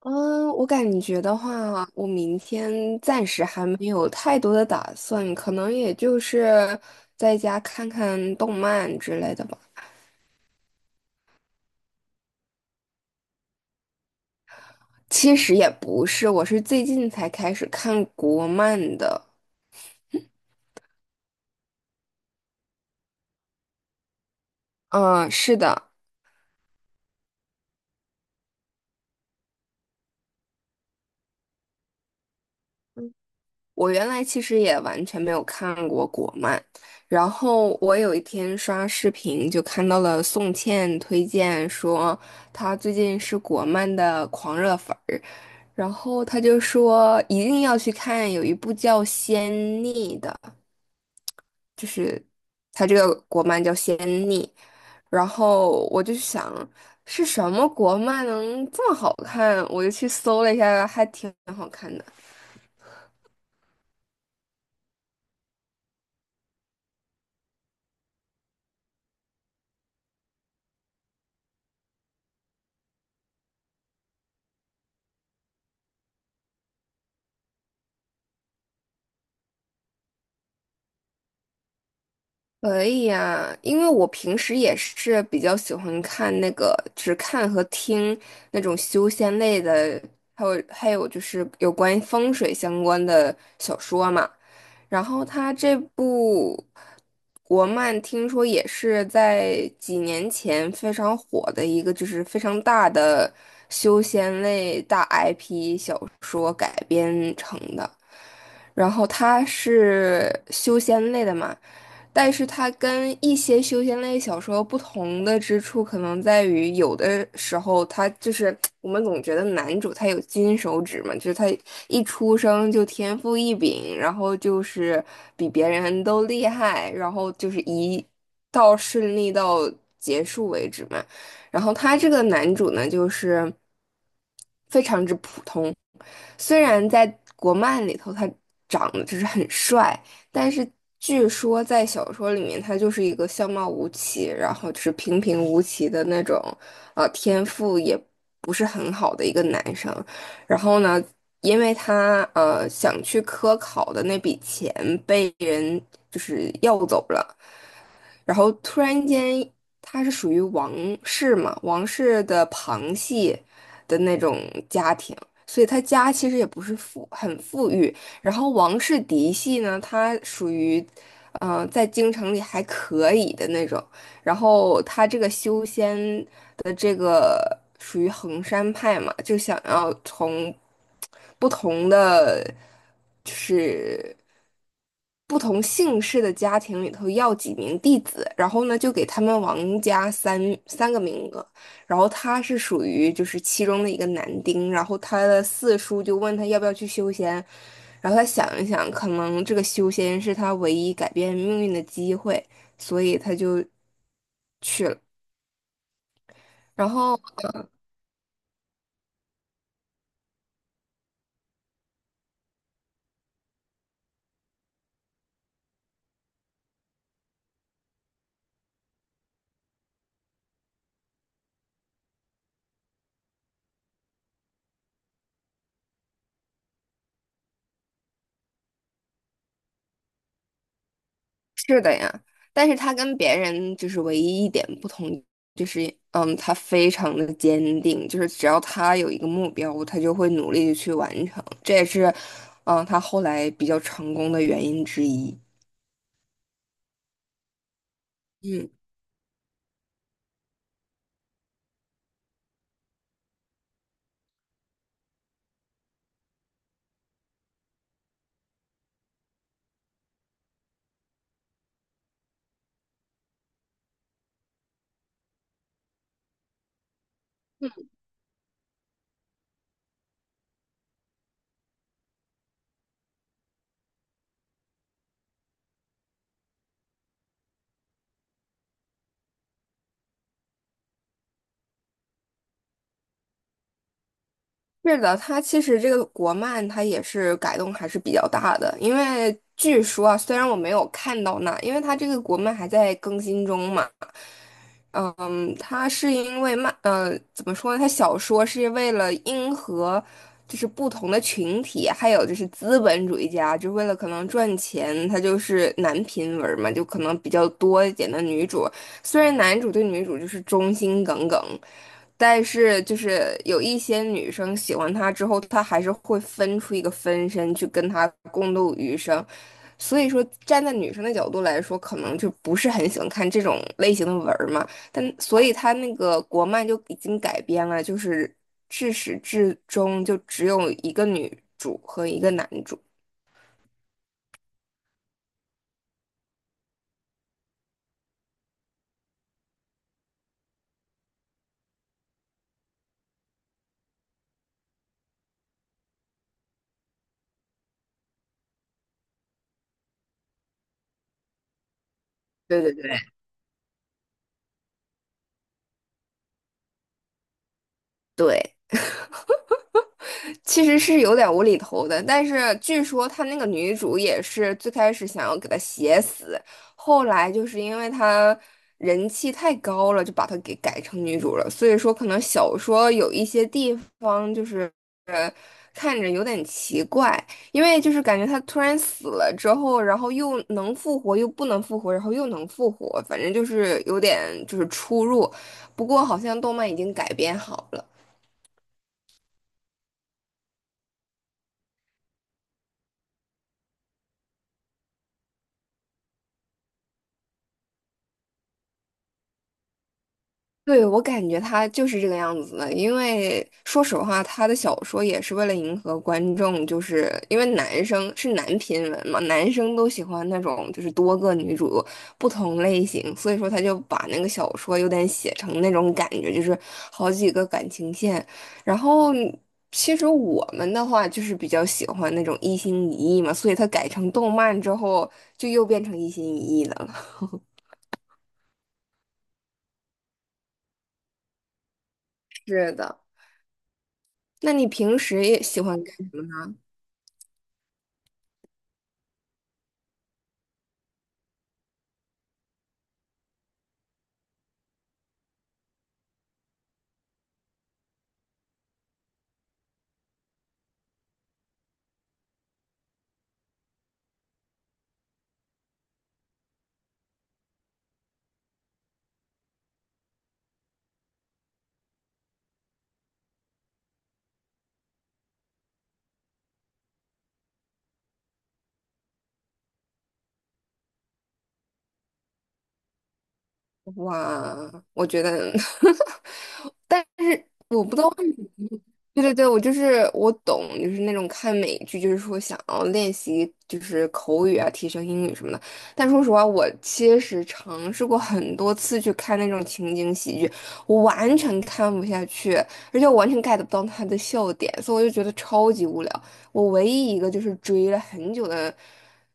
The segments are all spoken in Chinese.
嗯，我感觉的话，我明天暂时还没有太多的打算，可能也就是在家看看动漫之类的吧。其实也不是，我是最近才开始看国漫的。嗯，是的，我原来其实也完全没有看过国漫，然后我有一天刷视频就看到了宋茜推荐说她最近是国漫的狂热粉儿。然后他就说一定要去看，有一部叫《仙逆》的，就是他这个国漫叫《仙逆》。然后我就想是什么国漫能这么好看，我就去搜了一下，还挺好看的。可以呀，因为我平时也是比较喜欢看那个，只看和听那种修仙类的，还有就是有关于风水相关的小说嘛。然后他这部国漫听说也是在几年前非常火的一个，就是非常大的修仙类大 IP 小说改编成的。然后它是修仙类的嘛，但是它跟一些修仙类小说不同的之处，可能在于有的时候它就是我们总觉得男主他有金手指嘛，就是他一出生就天赋异禀，然后就是比别人都厉害，然后就是一到顺利到结束为止嘛。然后他这个男主呢，就是非常之普通，虽然在国漫里头他长得就是很帅，但是据说在小说里面他就是一个相貌无奇，然后就是平平无奇的那种，天赋也不是很好的一个男生。然后呢，因为他想去科考的那笔钱被人就是要走了。然后突然间他是属于王室嘛，王室的旁系的那种家庭，所以他家其实也不是富，很富裕。然后王室嫡系呢，他属于，嗯、在京城里还可以的那种。然后他这个修仙的这个属于衡山派嘛，就想要从不同的就是不同姓氏的家庭里头要几名弟子，然后呢就给他们王家三个名额，然后他是属于就是其中的一个男丁，然后他的四叔就问他要不要去修仙，然后他想一想，可能这个修仙是他唯一改变命运的机会。所以他就去了。然后是的呀，但是他跟别人就是唯一一点不同，就是嗯，他非常的坚定，就是只要他有一个目标，他就会努力的去完成。这也是嗯，他后来比较成功的原因之一。嗯，是的，他其实这个国漫他也是改动还是比较大的，因为据说啊，虽然我没有看到那，因为他这个国漫还在更新中嘛。嗯，他是因为漫，怎么说呢？他小说是为了迎合，就是不同的群体，还有就是资本主义家，就为了可能赚钱，他就是男频文嘛，就可能比较多一点的女主。虽然男主对女主就是忠心耿耿，但是就是有一些女生喜欢他之后，他还是会分出一个分身去跟他共度余生。所以说，站在女生的角度来说，可能就不是很喜欢看这种类型的文儿嘛。但所以他那个国漫就已经改编了，就是至始至终就只有一个女主和一个男主。对对对。对，其实是有点无厘头的，但是据说他那个女主也是最开始想要给他写死，后来就是因为他人气太高了，就把他给改成女主了。所以说，可能小说有一些地方就是呃看着有点奇怪，因为就是感觉他突然死了之后，然后又能复活，又不能复活，然后又能复活，反正就是有点就是出入。不过好像动漫已经改编好了。对，我感觉他就是这个样子的，因为说实话，他的小说也是为了迎合观众，就是因为男生是男频文嘛，男生都喜欢那种就是多个女主不同类型，所以说他就把那个小说有点写成那种感觉，就是好几个感情线。然后其实我们的话就是比较喜欢那种一心一意嘛，所以他改成动漫之后就又变成一心一意的了。是的，那你平时也喜欢？哇，我觉得，但是我不知道为对对对，我就是我懂，就是那种看美剧，就是说想要练习就是口语啊，提升英语什么的。但说实话，我其实尝试过很多次去看那种情景喜剧，我完全看不下去，而且我完全 get 不到他的笑点，所以我就觉得超级无聊。我唯一一个就是追了很久的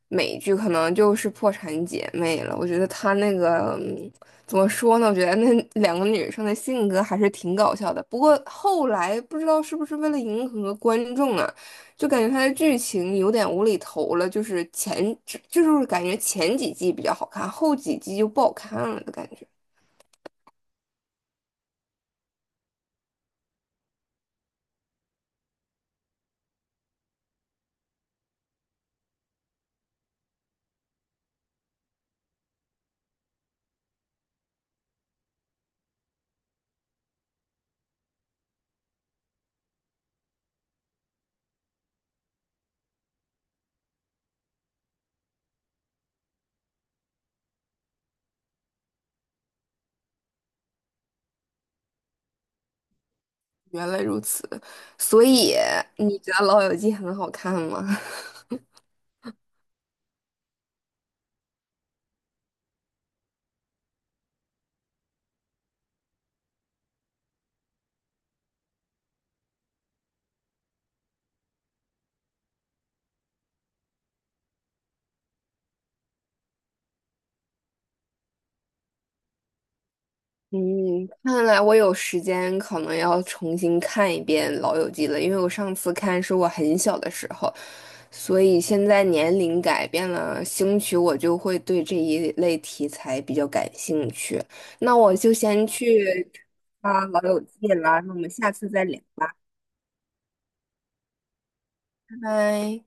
美剧，可能就是《破产姐妹》了。我觉得他那个。怎么说呢？我觉得那两个女生的性格还是挺搞笑的。不过后来不知道是不是为了迎合观众啊，就感觉它的剧情有点无厘头了。就是前就就是感觉前几季比较好看，后几季就不好看了的感觉。原来如此，所以你觉得《老友记》很好看吗？嗯，看来我有时间可能要重新看一遍《老友记》了，因为我上次看是我很小的时候，所以现在年龄改变了，兴许我就会对这一类题材比较感兴趣。那我就先去啊《老友记》了，那我们下次再聊吧，拜拜。